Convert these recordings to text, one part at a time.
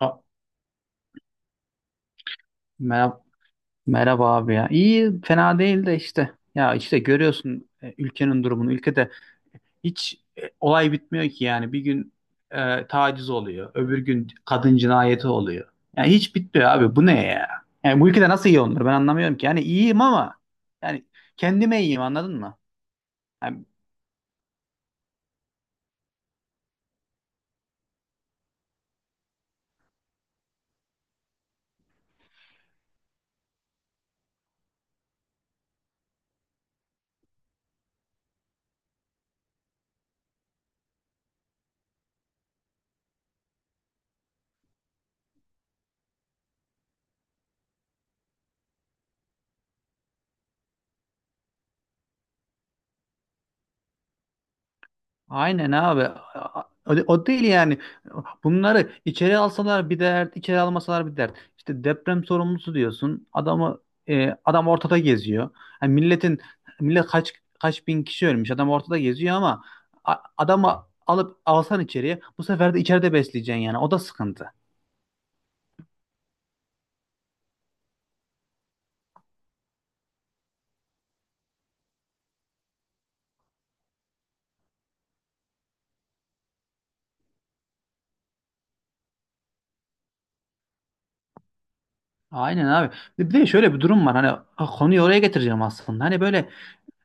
A- Merhaba, merhaba abi ya. İyi, fena değil de işte. Ya işte görüyorsun, ülkenin durumunu. Ülkede hiç olay bitmiyor ki yani. Bir gün taciz oluyor. Öbür gün kadın cinayeti oluyor. Yani hiç bitmiyor abi. Bu ne ya? Yani bu ülkede nasıl iyi olunur? Ben anlamıyorum ki. Yani iyiyim ama yani kendime iyiyim, anladın mı? Yani aynen abi. O, o değil yani. Bunları içeri alsalar bir dert, içeri almasalar bir dert. İşte deprem sorumlusu diyorsun. Adam ortada geziyor. Yani millet kaç bin kişi ölmüş. Adam ortada geziyor ama adamı alıp alsan içeriye, bu sefer de içeride besleyeceksin yani. O da sıkıntı. Aynen abi. Bir de şöyle bir durum var. Hani konuyu oraya getireceğim aslında. Hani böyle,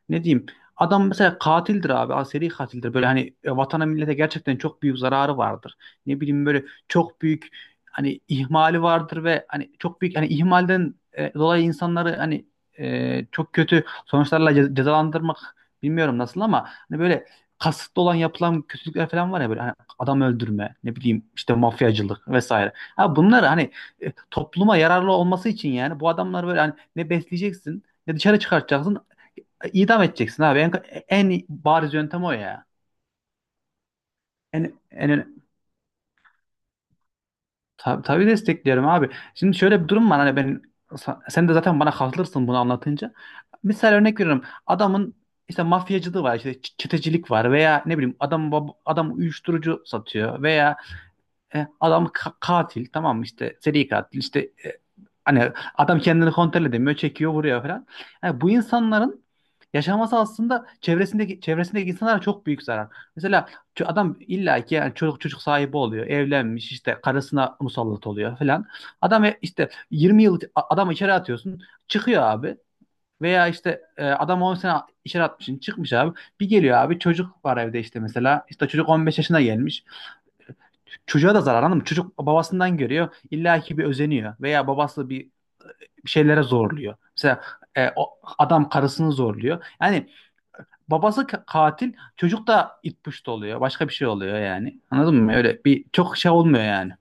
ne diyeyim, adam mesela katildir abi, aseri katildir, böyle hani, vatana millete gerçekten çok büyük zararı vardır. Ne bileyim, böyle çok büyük hani ihmali vardır ve hani çok büyük hani ihmalden dolayı insanları hani çok kötü sonuçlarla cezalandırmak, bilmiyorum nasıl, ama hani böyle kasıtlı olan yapılan kötülükler falan var ya. Böyle hani adam öldürme, ne bileyim, işte mafyacılık vesaire. Ha bunlar hani topluma yararlı olması için, yani bu adamlar böyle hani ne besleyeceksin, ne dışarı çıkartacaksın. İdam edeceksin abi. En bariz yöntem o ya. En, en, tabii, tabii destekliyorum abi. Şimdi şöyle bir durum var. Hani sen de zaten bana katılırsın bunu anlatınca. Misal, örnek veriyorum. Adamın işte mafyacılığı var, işte çetecilik var, veya ne bileyim, adam adam uyuşturucu satıyor, veya adam katil, tamam mı, işte seri katil, işte e, hani adam kendini kontrol edemiyor, çekiyor, vuruyor falan. Yani bu insanların yaşaması aslında çevresindeki insanlara çok büyük zarar. Mesela adam illa ki, yani çocuk sahibi oluyor, evlenmiş, işte karısına musallat oluyor falan. Adam işte 20 yıl adam içeri atıyorsun, çıkıyor abi. Veya işte adam 10 sene içeri atmışsın, çıkmış abi. Bir geliyor abi, çocuk var evde işte mesela. İşte çocuk 15 yaşına gelmiş. Çocuğa da zarar, anladın mı? Çocuk babasından görüyor. İlla ki bir özeniyor. Veya babası bir şeylere zorluyor. Mesela o adam karısını zorluyor. Yani babası katil, çocuk da it puşt oluyor. Başka bir şey oluyor yani. Anladın mı? Öyle bir çok şey olmuyor yani.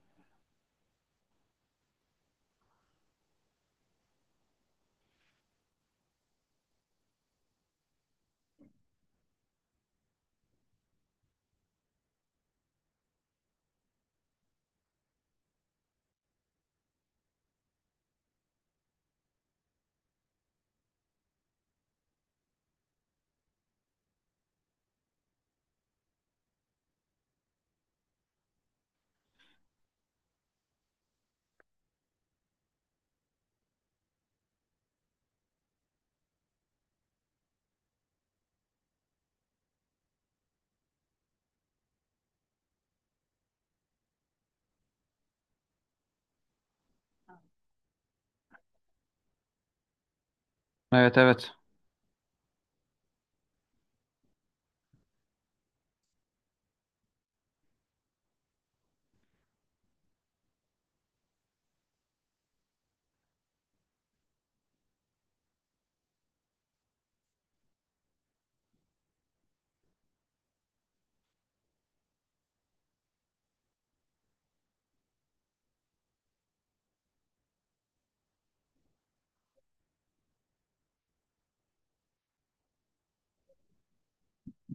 Evet, evet.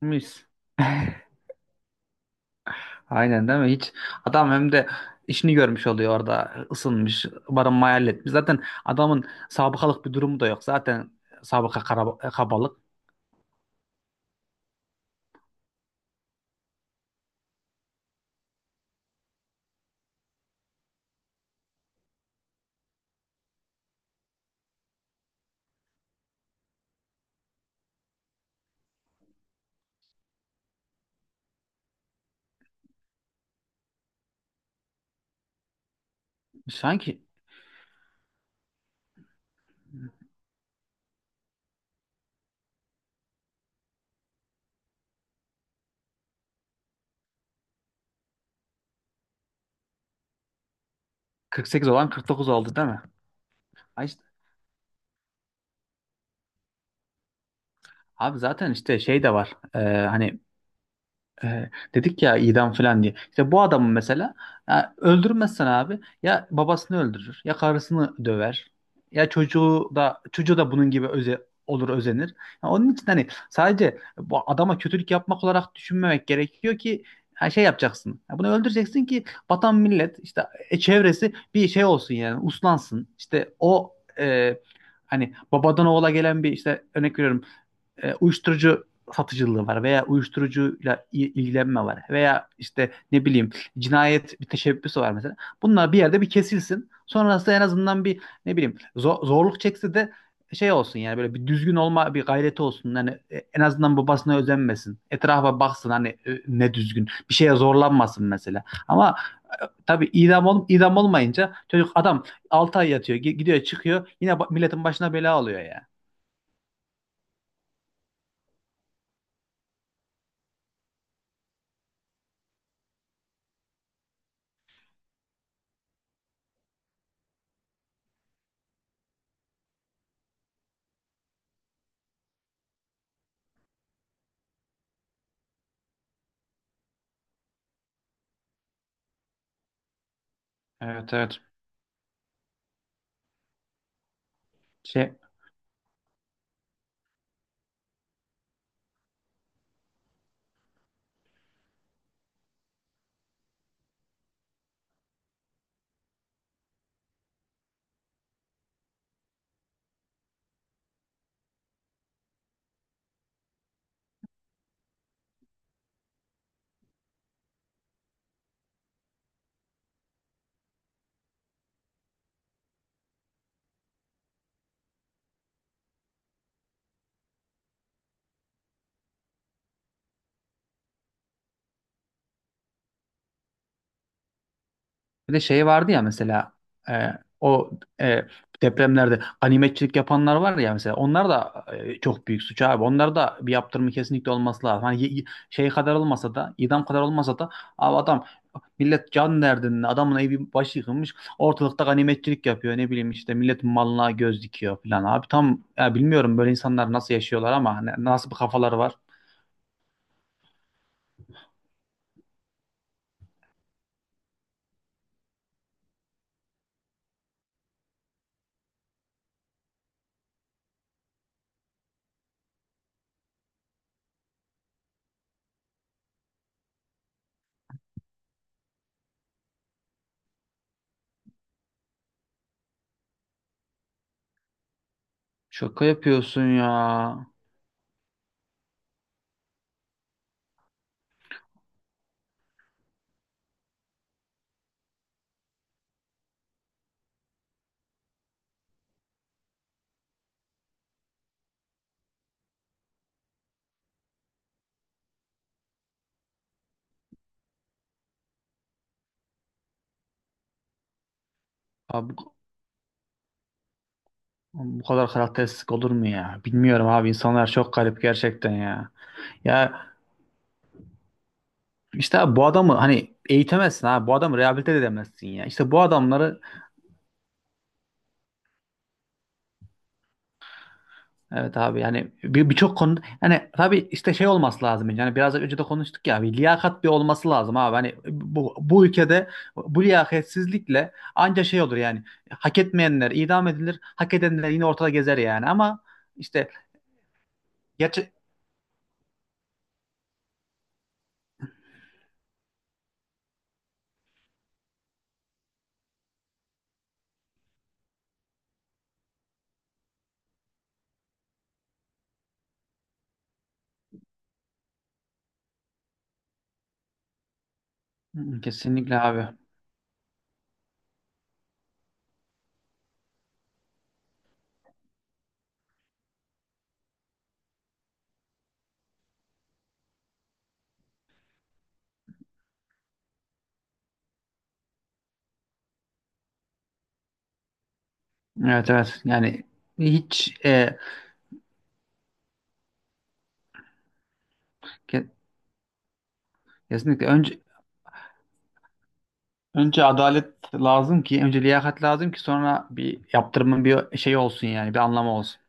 Mis. Aynen değil mi? Hiç adam hem de işini görmüş oluyor, orada ısınmış, barınmayı halletmiş. Zaten adamın sabıkalık bir durumu da yok. Zaten sabıka kabalık. Sanki 48 olan 49 oldu değil mi? Ay işte- abi zaten işte şey de var. Hani dedik ya idam falan diye. İşte bu adamı mesela, ya öldürmezsen abi, ya babasını öldürür, ya karısını döver, ya çocuğu da bunun gibi olur, özenir. Ya onun için hani sadece bu adama kötülük yapmak olarak düşünmemek gerekiyor ki, her şey yapacaksın. Ya bunu öldüreceksin ki vatan millet, işte çevresi bir şey olsun yani, uslansın. İşte o, e, hani babadan oğula gelen bir, işte örnek veriyorum, uyuşturucu satıcılığı var, veya uyuşturucuyla ilgilenme var, veya işte ne bileyim cinayet bir teşebbüsü var mesela. Bunlar bir yerde bir kesilsin. Sonrası en azından bir, ne bileyim, zorluk çekse de şey olsun yani, böyle bir düzgün olma bir gayreti olsun. Yani en azından babasına özenmesin. Etrafa baksın hani ne düzgün. Bir şeye zorlanmasın mesela. Ama tabii idam olmayınca adam 6 ay yatıyor, gidiyor, çıkıyor. Yine milletin başına bela oluyor ya. Evet, evet. Şey Bir de şey vardı ya mesela, e, o, e, depremlerde animatçilik yapanlar var ya, mesela onlar da çok büyük suç abi. Onlar da bir yaptırımı kesinlikle olması lazım. Hani şey kadar olmasa da, idam kadar olmasa da, abi adam, millet can derdinde, adamın evi başı yıkılmış, ortalıkta animatçilik yapıyor, ne bileyim işte milletin malına göz dikiyor falan abi, tam ya bilmiyorum böyle insanlar nasıl yaşıyorlar, ama nasıl bir kafaları var. Şaka yapıyorsun ya. Abi, oğlum, bu kadar karakteristik olur mu ya? Bilmiyorum abi, insanlar çok garip gerçekten ya. Ya işte abi, bu adamı hani eğitemezsin abi. Bu adamı rehabilite de edemezsin ya. İşte bu adamları, evet abi, yani birçok konu hani, tabii işte şey olması lazım. Yani biraz önce de konuştuk ya, bir liyakat bir olması lazım abi. Hani bu ülkede bu liyakatsizlikle anca şey olur yani. Hak etmeyenler idam edilir. Hak edenler yine ortada gezer yani, ama işte gerçek, kesinlikle abi. Evet, evet yani, hiç ke- kesinlikle, önce adalet lazım ki, önce liyakat lazım ki, sonra bir yaptırımın bir şey olsun yani, bir anlamı olsun.